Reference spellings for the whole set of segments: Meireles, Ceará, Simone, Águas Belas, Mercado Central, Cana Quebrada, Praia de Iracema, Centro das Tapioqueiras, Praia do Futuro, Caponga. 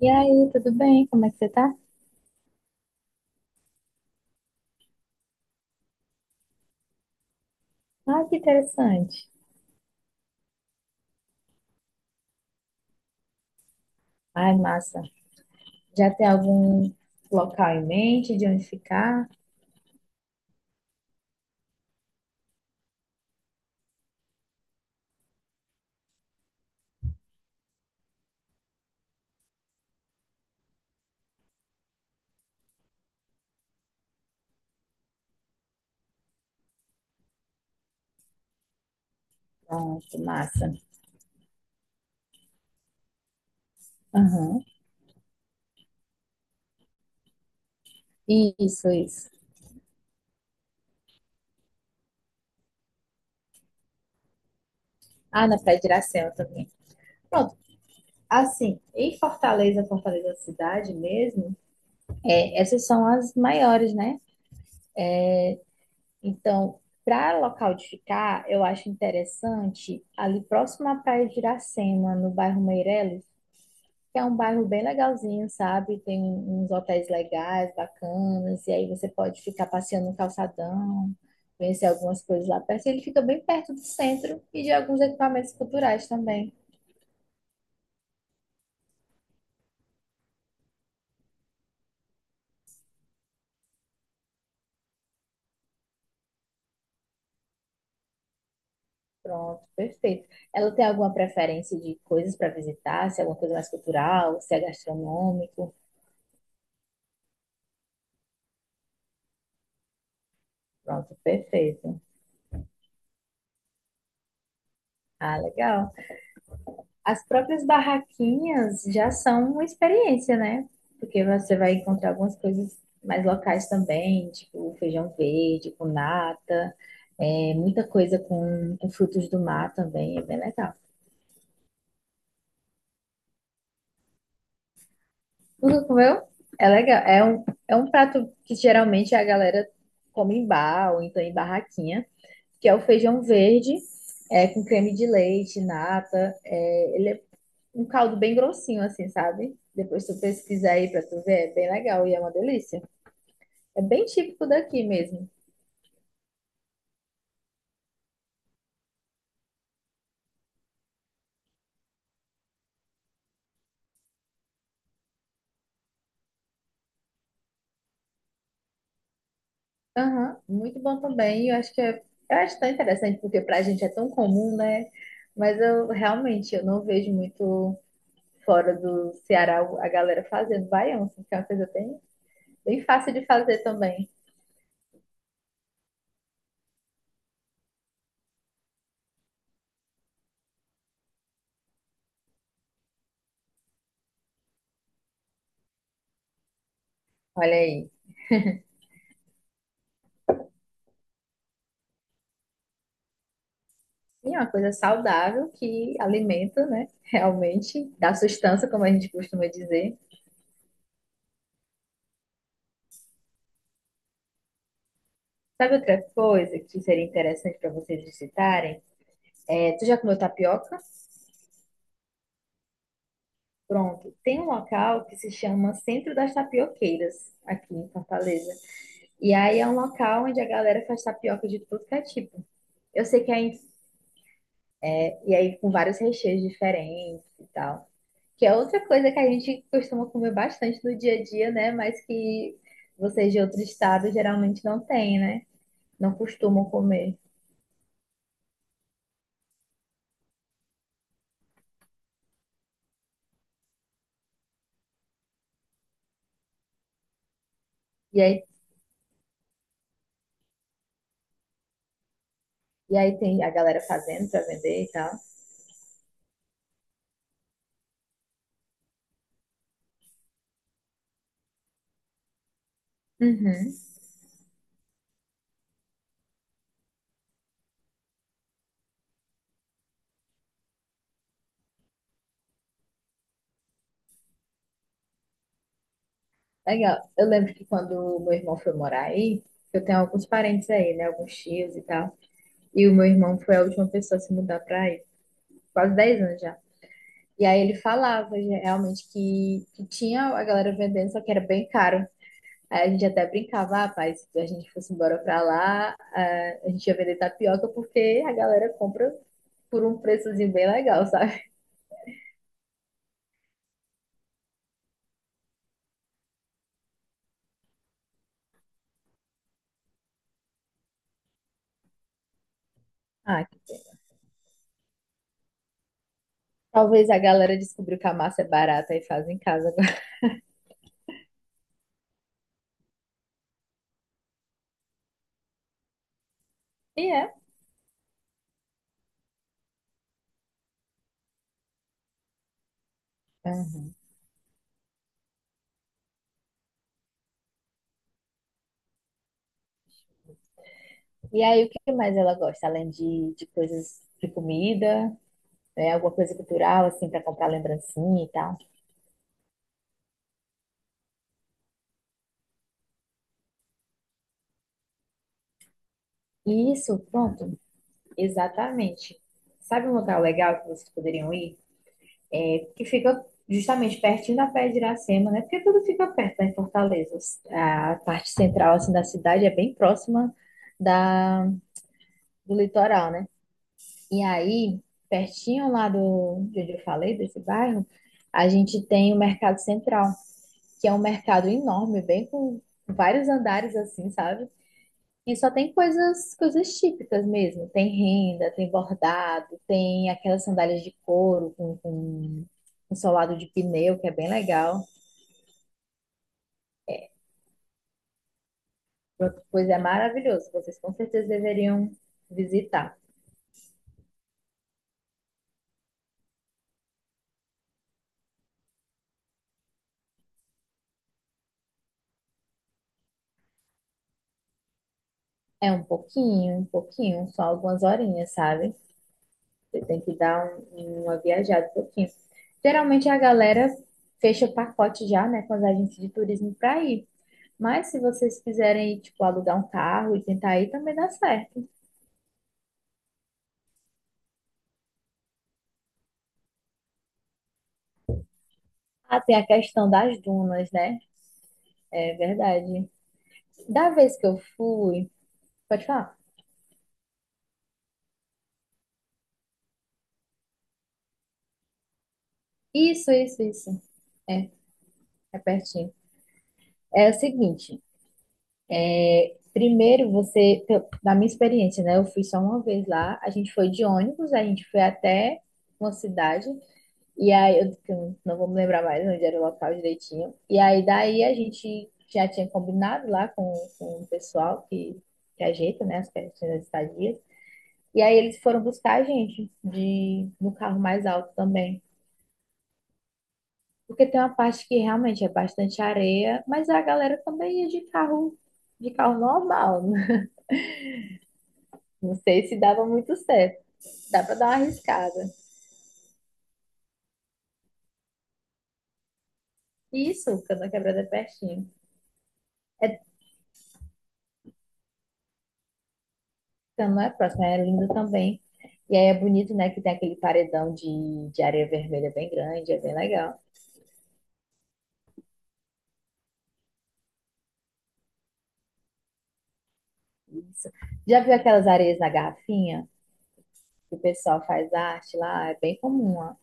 E aí, tudo bem? Como é que você tá? Ah, que interessante. Ai, massa. Já tem algum local em mente de onde ficar? Pronto, massa. Aham. Isso, isso. Ah, na Praia de Iracema também. Pronto. Assim, em Fortaleza, Fortaleza cidade mesmo, é, essas são as maiores, né? Então, para local de ficar, eu acho interessante ali próximo à Praia de Iracema, no bairro Meireles. É um bairro bem legalzinho, sabe? Tem uns hotéis legais, bacanas, e aí você pode ficar passeando no calçadão, conhecer algumas coisas lá perto. Ele fica bem perto do centro e de alguns equipamentos culturais também. Pronto, perfeito. Ela tem alguma preferência de coisas para visitar? Se é alguma coisa mais cultural, se é gastronômico? Pronto, perfeito. Ah, legal. As próprias barraquinhas já são uma experiência, né? Porque você vai encontrar algumas coisas mais locais também, tipo feijão verde, com nata, muita coisa com frutos do mar também, é bem legal. Nunca comeu? É legal. É um prato que geralmente a galera come em bar ou então em barraquinha, que é o feijão verde, com creme de leite, nata. Ele é um caldo bem grossinho, assim, sabe? Depois tu pesquisar aí pra tu ver, é bem legal e é uma delícia. É bem típico daqui mesmo. Aham, muito bom também. Eu acho tão interessante porque pra gente é tão comum, né? Mas eu realmente eu não vejo muito fora do Ceará a galera fazendo baião, assim, que é uma coisa bem, bem fácil de fazer também. Olha aí. E é uma coisa saudável que alimenta, né? Realmente dá sustância, como a gente costuma dizer. Sabe outra coisa que seria interessante para vocês visitarem? Tu já comeu tapioca? Pronto, tem um local que se chama Centro das Tapioqueiras, aqui em Fortaleza. E aí é um local onde a galera faz tapioca de tudo que é tipo. Eu sei que aí, e aí com vários recheios diferentes e tal. Que é outra coisa que a gente costuma comer bastante no dia a dia, né? Mas que vocês de outro estado geralmente não têm, né? Não costumam comer. E aí, e aí, tem a galera fazendo para vender e tal. Uhum. Legal. Eu lembro que quando o meu irmão foi morar aí, eu tenho alguns parentes aí, né? Alguns tios e tal. E o meu irmão foi a última pessoa a se mudar pra aí, quase 10 anos já. E aí ele falava já, realmente que tinha a galera vendendo, só que era bem caro. Aí a gente até brincava, ah, pai, se a gente fosse embora pra lá, ah, a gente ia vender tapioca porque a galera compra por um preçozinho bem legal, sabe? Ah, que pena. Talvez a galera descobriu que a massa é barata e faz em casa agora. E é. Aham. E aí, o que mais ela gosta, além de coisas de comida, né? Alguma coisa cultural, assim, para comprar lembrancinha e tal. E isso, pronto, exatamente. Sabe um lugar legal que vocês poderiam ir? Que fica justamente pertinho da Praia de Iracema, né? Porque tudo fica perto, né, em Fortaleza. A parte central, assim, da cidade é bem próxima da, do litoral, né? E aí, pertinho lá do, de onde eu falei, desse bairro, a gente tem o Mercado Central, que é um mercado enorme, bem com vários andares assim, sabe? E só tem coisas típicas mesmo. Tem renda, tem bordado, tem aquelas sandálias de couro com um solado de pneu, que é bem legal. Pronto, pois é maravilhoso. Vocês com certeza deveriam visitar. É um pouquinho, só algumas horinhas, sabe? Você tem que dar uma viajada um pouquinho. Geralmente a galera fecha o pacote já, né, com as agências de turismo para ir. Mas se vocês quiserem, tipo, alugar um carro e tentar ir, também dá certo. Ah, tem a questão das dunas, né? É verdade. Da vez que eu fui, pode falar? Isso, isso, isso. É, é pertinho. É o seguinte, primeiro você, da minha experiência, né? Eu fui só uma vez lá, a gente foi de ônibus, a gente foi até uma cidade. E aí, eu não vou me lembrar mais onde era o local direitinho. E aí, daí a gente já tinha combinado lá com o pessoal que ajeita, né, as questões das estadias. E aí eles foram buscar a gente de, no carro mais alto também. Porque tem uma parte que realmente é bastante areia, mas a galera também ia de carro normal. Né? Não sei se dava muito certo. Dá para dar uma arriscada. Isso, Cana Quebrada é pertinho. Então, não é próximo, é lindo também. E aí é bonito, né, que tem aquele paredão de areia vermelha bem grande, é bem legal. Isso. Já viu aquelas areias na garrafinha? Que o pessoal faz arte lá, é bem comum, ó.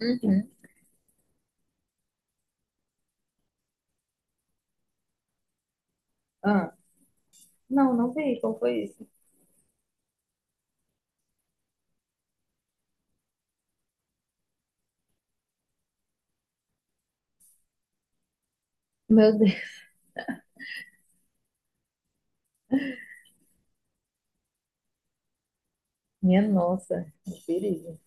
Uhum. Ah, não, não vi. Como foi isso? Meu Deus, minha nossa, que perigo.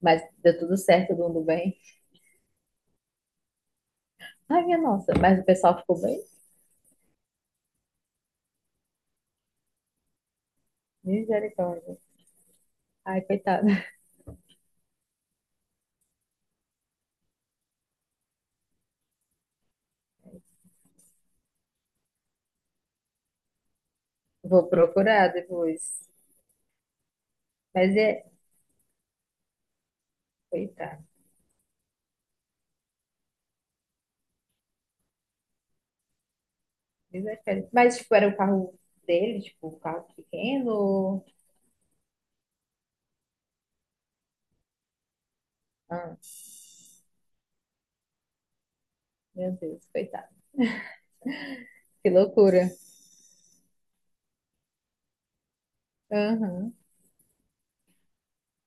Mas deu tudo certo, todo mundo bem. Ai, minha nossa, mas o pessoal ficou bem? Misericórdia. Ai, coitado. Vou procurar depois. Mas é, coitado. Desespero. Mas, tipo, era o carro dele, tipo, o carro pequeno. Ah, meu Deus, coitado. Que loucura. Aham.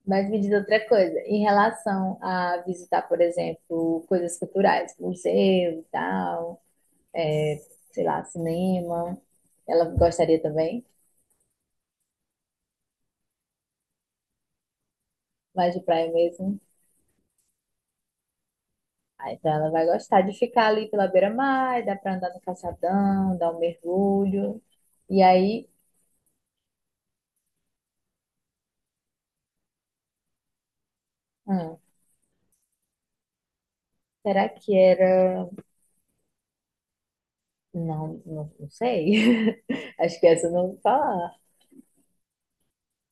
Mas me diz outra coisa, em relação a visitar, por exemplo, coisas culturais, museu e tal, é, sei lá, cinema, ela gostaria também, mais de praia mesmo. Ah, então ela vai gostar de ficar ali pela beira-mar, dá pra andar no calçadão, dar um mergulho. E aí, hum, será que era. Não, não, não sei. Acho que essa eu não vou falar.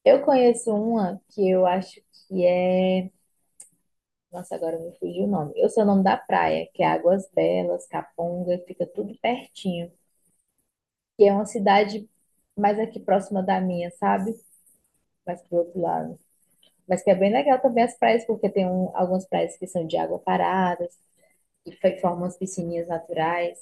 Eu conheço uma que eu acho que é. Nossa, agora me fugiu o nome. Eu sei o nome da praia, que é Águas Belas, Caponga, fica tudo pertinho. Que é uma cidade mais aqui próxima da minha, sabe? Mais pro outro lado. Mas que é bem legal também as praias, porque tem algumas praias que são de água parada, que formam as piscininhas naturais.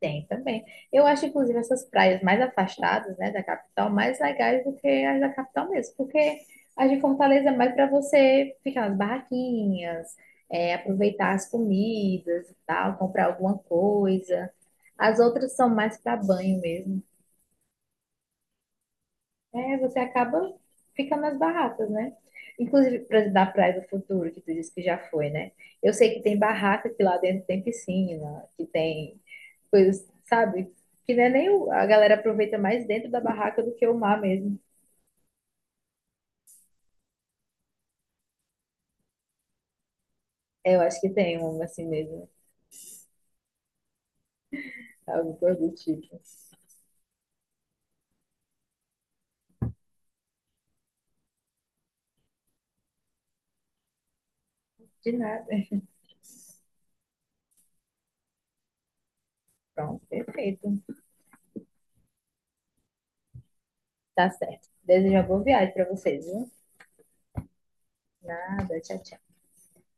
Tem também. Eu acho, inclusive, essas praias mais afastadas, né, da capital, mais legais do que as da capital mesmo, porque as de Fortaleza é mais para você ficar nas barraquinhas, aproveitar as comidas e tal, comprar alguma coisa. As outras são mais para banho mesmo. É, você acaba ficando nas barracas, né? Inclusive, da Praia do Futuro, que tu disse que já foi, né? Eu sei que tem barraca que lá dentro tem piscina, que tem coisas, sabe? Que não é nem a galera aproveita mais dentro da barraca do que o mar mesmo. É, eu acho que tem um assim mesmo, algo do tipo. De nada. Pronto, perfeito. Tá certo. Desejo uma boa viagem pra vocês, viu? Nada, tchau, tchau.